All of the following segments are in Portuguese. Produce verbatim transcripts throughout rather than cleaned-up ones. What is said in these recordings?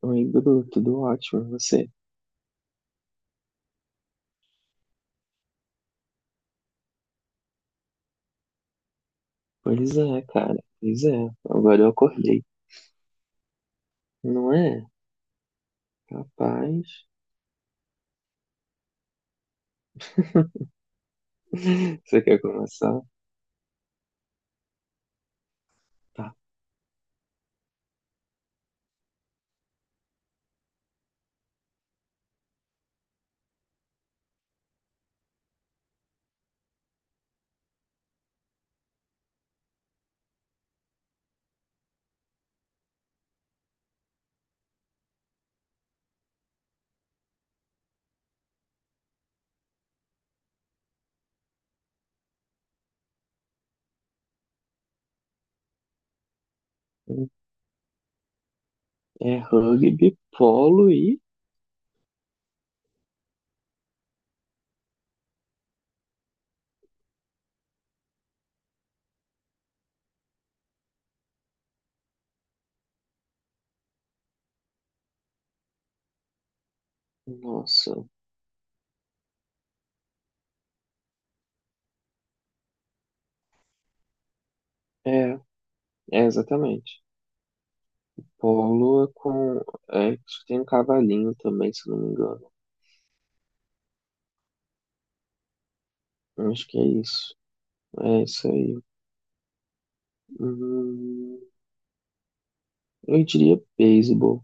Oi, Bruno, tudo ótimo, e você? Pois é, cara, pois é. Agora eu acordei, não é? Rapaz, você quer começar? Tá. É rugby, polo e. Nossa, é, é exatamente. Polo é com. É, acho que tem um cavalinho também, se não me engano. Acho que é isso. É isso aí. Hum, eu diria beisebol.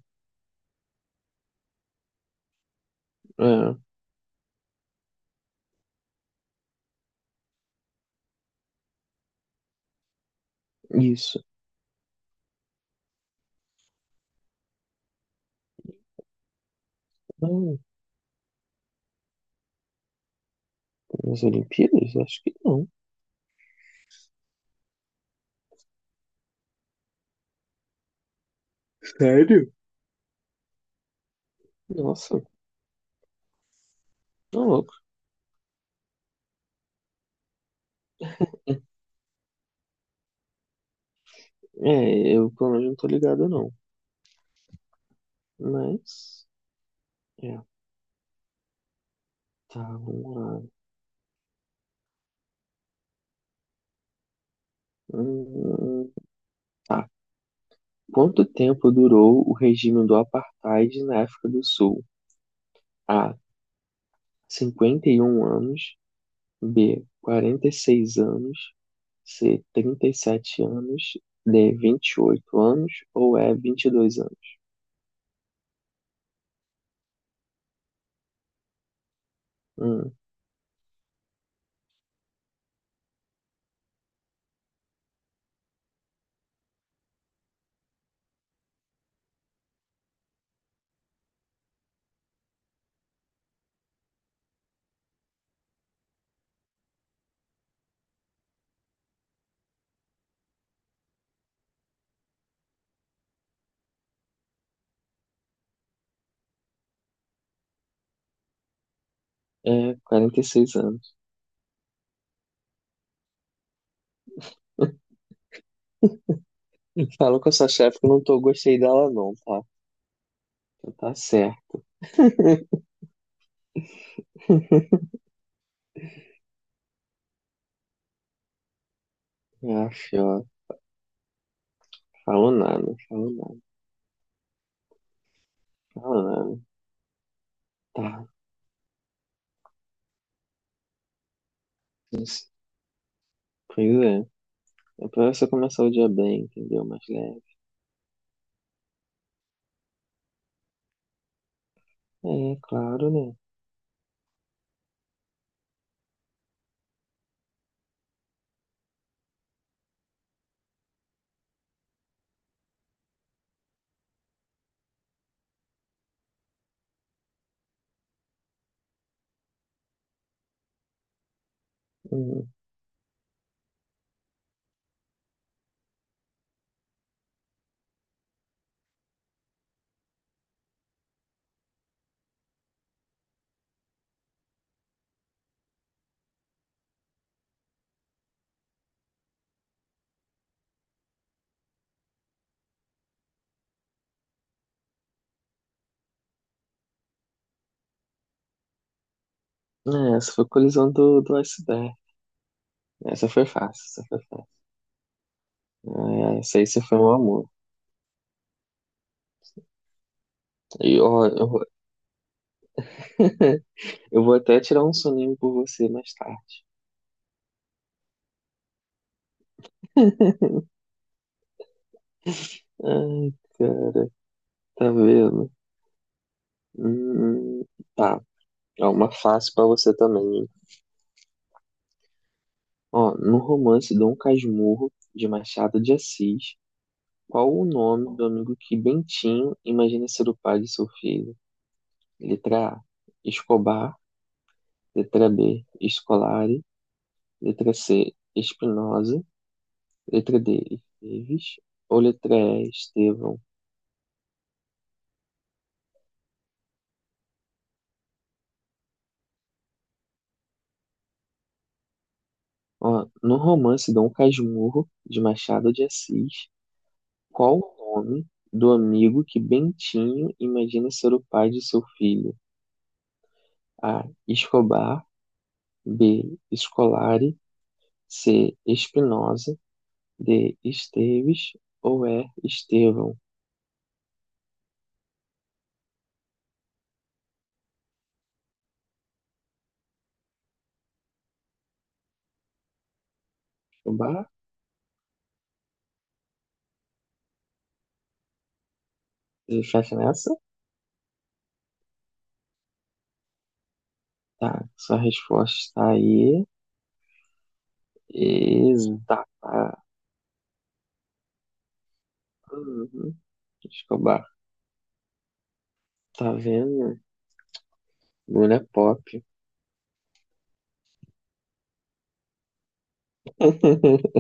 É, isso. Não, nas Olimpíadas? Acho que não. Sério? Nossa. Não, louco. É, eu pelo menos não tô ligado, não. Mas. É, tá, vamos lá. Hum, tá. Quanto tempo durou o regime do Apartheid na África do Sul? A. cinquenta e um anos. B. quarenta e seis anos. C. trinta e sete anos. D. vinte e oito anos. Ou E. vinte e dois anos? Hum, é, quarenta e seis anos. Falou com a sua chefe que eu não tô, gostei dela, não, tá? Então tá certo. Ah, fio. Falou nada, falou nada, falou nada. Tá, mas- pois é. É pra você começar o dia bem, entendeu? Mais leve. É, claro, né? Uhum. É, essa foi a colisão do, do iceberg. Essa foi fácil. Essa foi. É, essa aí você foi um amor. E ó, eu, vou- eu vou até tirar um soninho por você mais tarde. Ai, cara, tá vendo? Hum, tá. É uma fácil pra você também, hein? Ó, no romance Dom Casmurro, de Machado de Assis. Qual o nome do amigo que Bentinho imagina ser o pai de seu filho? Letra A, Escobar. Letra B, Scolari. Letra C, Espinosa. Letra D, Esteves. Ou letra E, Estevão. Ó, no romance Dom Casmurro, de Machado de Assis, qual o nome do amigo que Bentinho imagina ser o pai de seu filho? A, Escobar. B, Scolari. C, Espinosa. De Esteves ou é Estevão? Chubar? Você fecha nessa? Tá, sua resposta está aí. Exata. Uhum. Escobar. Tá vendo? Mulher pop.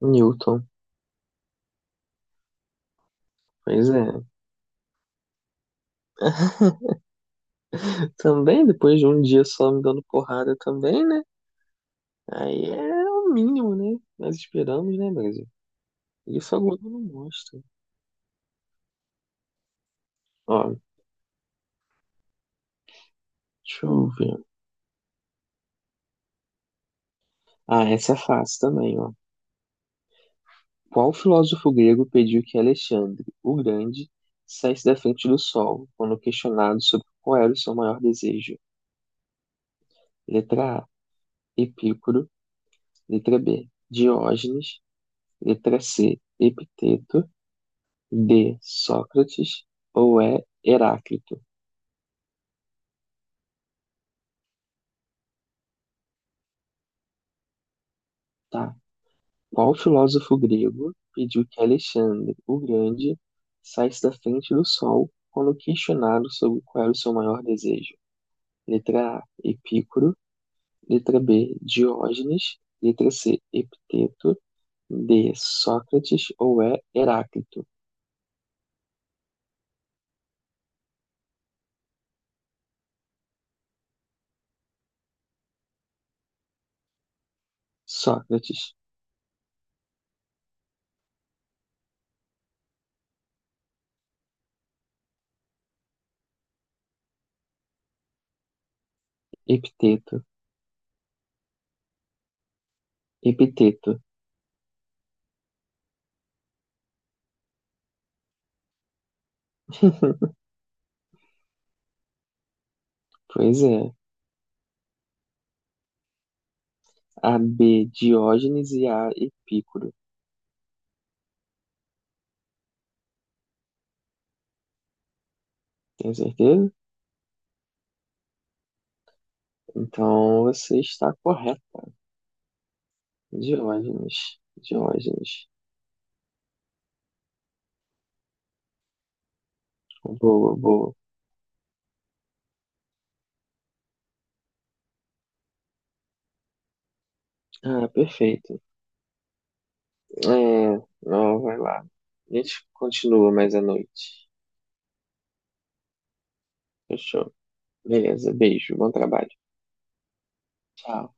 Newton. Pois é. Também, depois de um dia só me dando porrada também, né? Aí é o mínimo, né? Nós esperamos, né, Brasil? Isso a Globo não mostra. Ó, deixa eu ver. Ah, essa é fácil também, ó. Qual filósofo grego pediu que Alexandre, o Grande, saísse da frente do sol, quando questionado sobre qual era o seu maior desejo? Letra A, Epícoro. Letra B, Diógenes. Letra C, Epiteto. D, Sócrates. Ou E, Heráclito. Tá. Qual filósofo grego pediu que Alexandre, o Grande, saísse da frente do sol, quando questionado sobre qual era o seu maior desejo? Letra A, Epícoro. Letra B, Diógenes. Letra C, Epiteto. D, Sócrates ou é Heráclito? Sócrates, Epiteto, Epiteto. Pois é. A B, Diógenes e A, Epícoro. Tem certeza? Então você está correto. Diógenes, Diógenes. Boa, boa. Ah, perfeito. É, não, vai lá. A gente continua mais à noite. Fechou. Beleza, beijo, bom trabalho. Tchau.